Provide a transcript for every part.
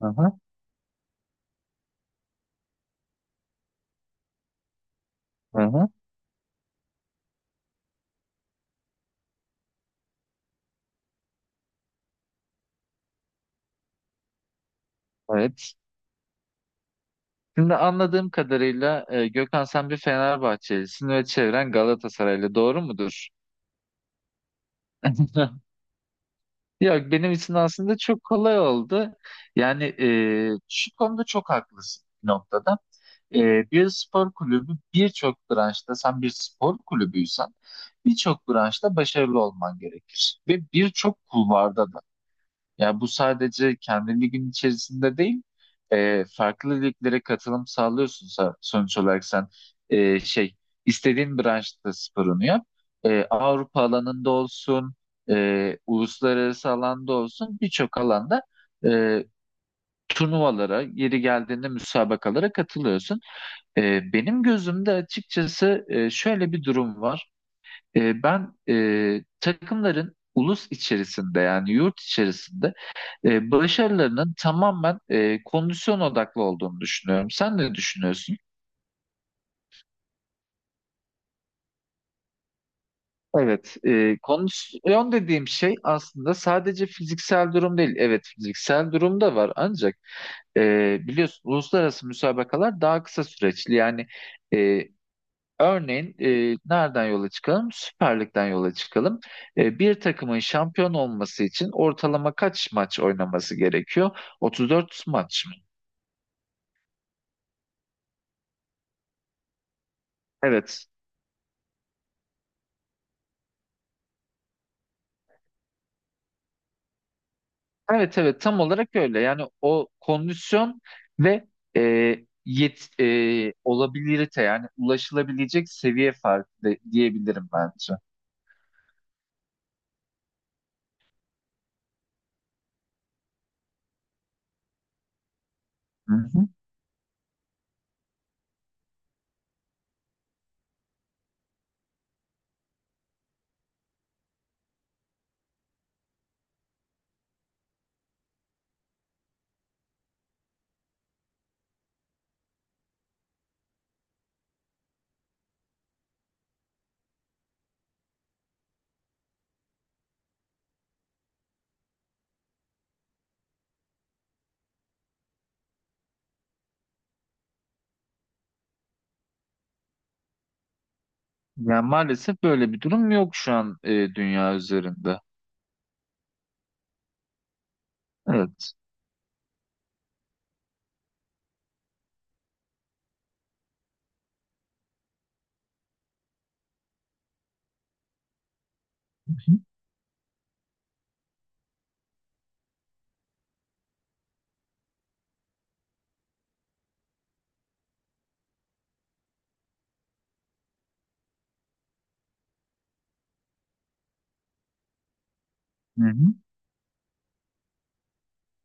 Aha, aha, evet. Şimdi anladığım kadarıyla Gökhan sen bir Fenerbahçelisin ve çevren Galatasaraylı. Doğru mudur? Yok benim için aslında çok kolay oldu. Yani şu konuda çok haklısın bir noktada. E, Bir spor kulübü birçok branşta sen bir spor kulübüysen birçok branşta başarılı olman gerekir. Ve birçok kulvarda da. Yani bu sadece kendi ligin içerisinde değil, farklı liglere katılım sağlıyorsun sonuç olarak sen E, şey istediğin branşta sporunu yap. Avrupa alanında olsun, uluslararası alanda olsun birçok alanda e, turnuvalara, yeri geldiğinde müsabakalara katılıyorsun. Benim gözümde açıkçası şöyle bir durum var. Ben takımların ulus içerisinde yani yurt içerisinde başarılarının tamamen kondisyon odaklı olduğunu düşünüyorum. Sen ne düşünüyorsun? Evet, kondisyon dediğim şey aslında sadece fiziksel durum değil. Evet, fiziksel durum da var ancak biliyorsun uluslararası müsabakalar daha kısa süreçli. Yani e, örneğin nereden yola çıkalım? Süper Lig'den yola çıkalım. Bir takımın şampiyon olması için ortalama kaç maç oynaması gerekiyor? 34 maç mı? Evet. Evet, evet, tam olarak öyle. Yani o kondisyon ve e, olabilirite yani ulaşılabilecek seviye farkı diyebilirim bence. Hı hı. Yani maalesef böyle bir durum yok şu an dünya üzerinde. Evet. Hı hı.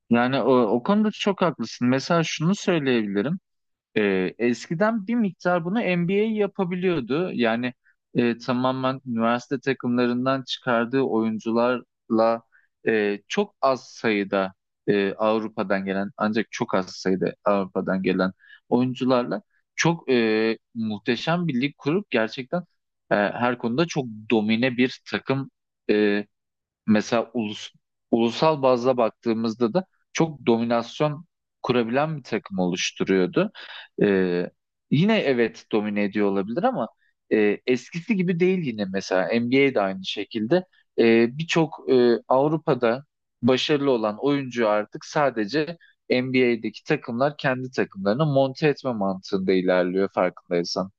Yani o konuda çok haklısın. Mesela şunu söyleyebilirim. Eskiden bir miktar bunu NBA yapabiliyordu. Yani tamamen üniversite takımlarından çıkardığı oyuncularla çok az sayıda Avrupa'dan gelen ancak çok az sayıda Avrupa'dan gelen oyuncularla çok muhteşem bir lig kurup gerçekten her konuda çok domine bir takım. e, Mesela ulusal bazda baktığımızda da çok dominasyon kurabilen bir takım oluşturuyordu. Ee, Yine evet domine ediyor olabilir ama eskisi gibi değil yine mesela NBA'de aynı şekilde. Birçok Avrupa'da başarılı olan oyuncu artık sadece NBA'deki takımlar kendi takımlarını monte etme mantığında ilerliyor, farkındaysan.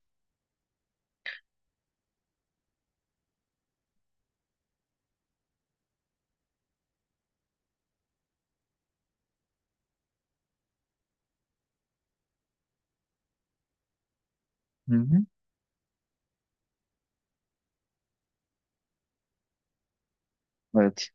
Hı hı. Evet.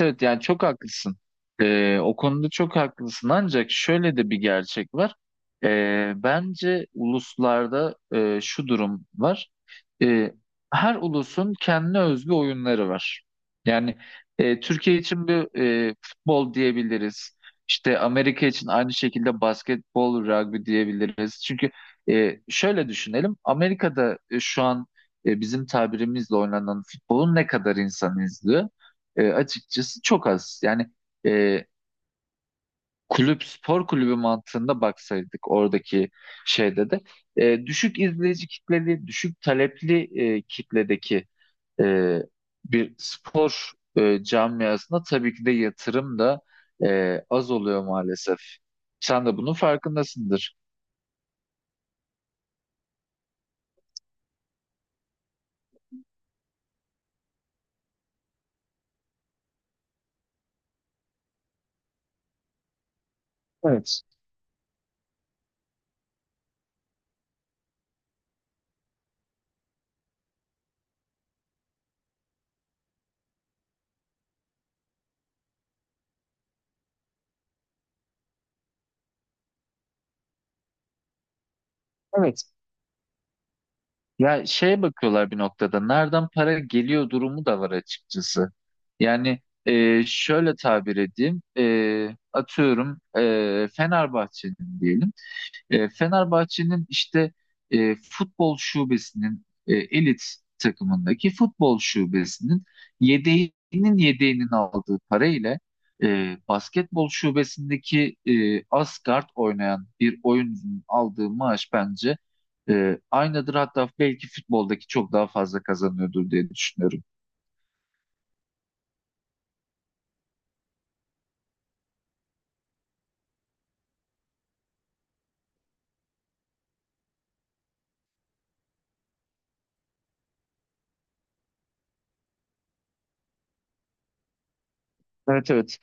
Evet, evet, yani çok haklısın. O konuda çok haklısın. Ancak şöyle de bir gerçek var. Bence uluslarda şu durum var. Ee, Her ulusun kendine özgü oyunları var. Yani Türkiye için bir futbol diyebiliriz. İşte Amerika için aynı şekilde basketbol, rugby diyebiliriz. Çünkü şöyle düşünelim. Amerika'da şu an bizim tabirimizle oynanan futbolun ne kadar insan izliyor? Açıkçası çok az. Yani e, kulüp spor kulübü mantığında baksaydık oradaki şeyde de düşük izleyici kitleli, düşük talepli kitledeki e, bir spor camiasına tabii ki de yatırım da az oluyor maalesef. Sen de bunun farkındasındır. Evet. Evet. Ya şeye bakıyorlar bir noktada. Nereden para geliyor durumu da var açıkçası. Yani şöyle tabir edeyim. Atıyorum Fenerbahçe'nin diyelim. Fenerbahçe'nin işte futbol şubesinin elit takımındaki futbol şubesinin yedeğinin yedeğinin aldığı parayla basketbol şubesindeki asgard oynayan bir oyuncunun aldığı maaş bence aynıdır. Hatta belki futboldaki çok daha fazla kazanıyordur diye düşünüyorum. Evet, evet.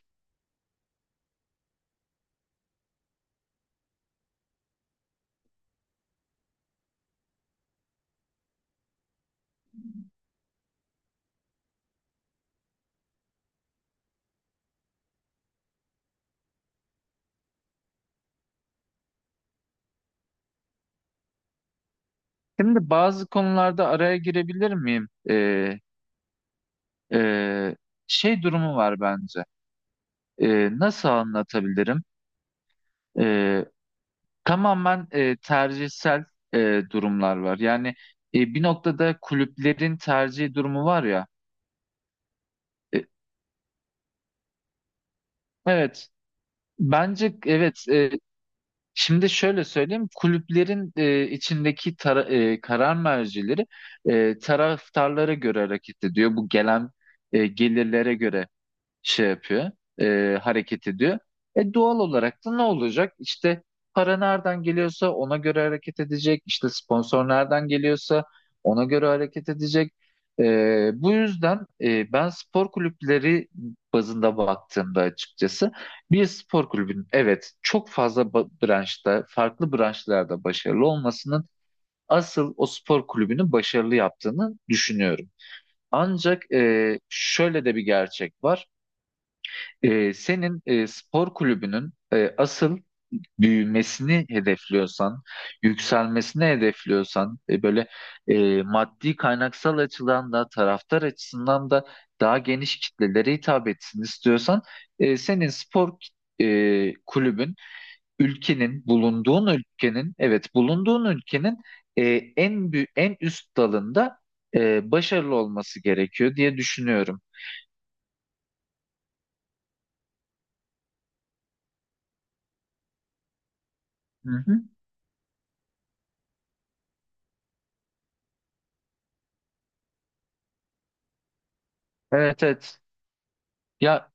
Şimdi bazı konularda araya girebilir miyim? E, Şey durumu var bence. Nasıl anlatabilirim? E, Tamamen tercihsel durumlar var. Yani bir noktada kulüplerin tercih durumu var ya. E, evet, bence evet. Şimdi şöyle söyleyeyim, kulüplerin içindeki karar mercileri taraftarlara göre hareket ediyor. Bu gelen gelirlere göre şey yapıyor, hareket ediyor. E doğal olarak da ne olacak? İşte para nereden geliyorsa ona göre hareket edecek. İşte sponsor nereden geliyorsa ona göre hareket edecek. Bu yüzden ben spor kulüpleri bazında baktığımda açıkçası bir spor kulübünün evet çok fazla branşta, farklı branşlarda başarılı olmasının asıl o spor kulübünü başarılı yaptığını düşünüyorum. Ancak şöyle de bir gerçek var. Senin spor kulübünün asıl büyümesini hedefliyorsan, yükselmesini hedefliyorsan, böyle maddi kaynaksal açıdan da taraftar açısından da daha geniş kitlelere hitap etsin istiyorsan, senin spor kulübün bulunduğun ülkenin, bulunduğun ülkenin e, en büyük, en üst dalında başarılı olması gerekiyor diye düşünüyorum. Hı hı. Evet, evet. Ya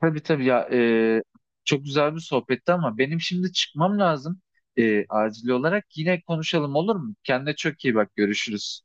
tabii, tabii ya, çok güzel bir sohbetti ama benim şimdi çıkmam lazım acil olarak. Yine konuşalım olur mu? Kendine çok iyi bak, görüşürüz.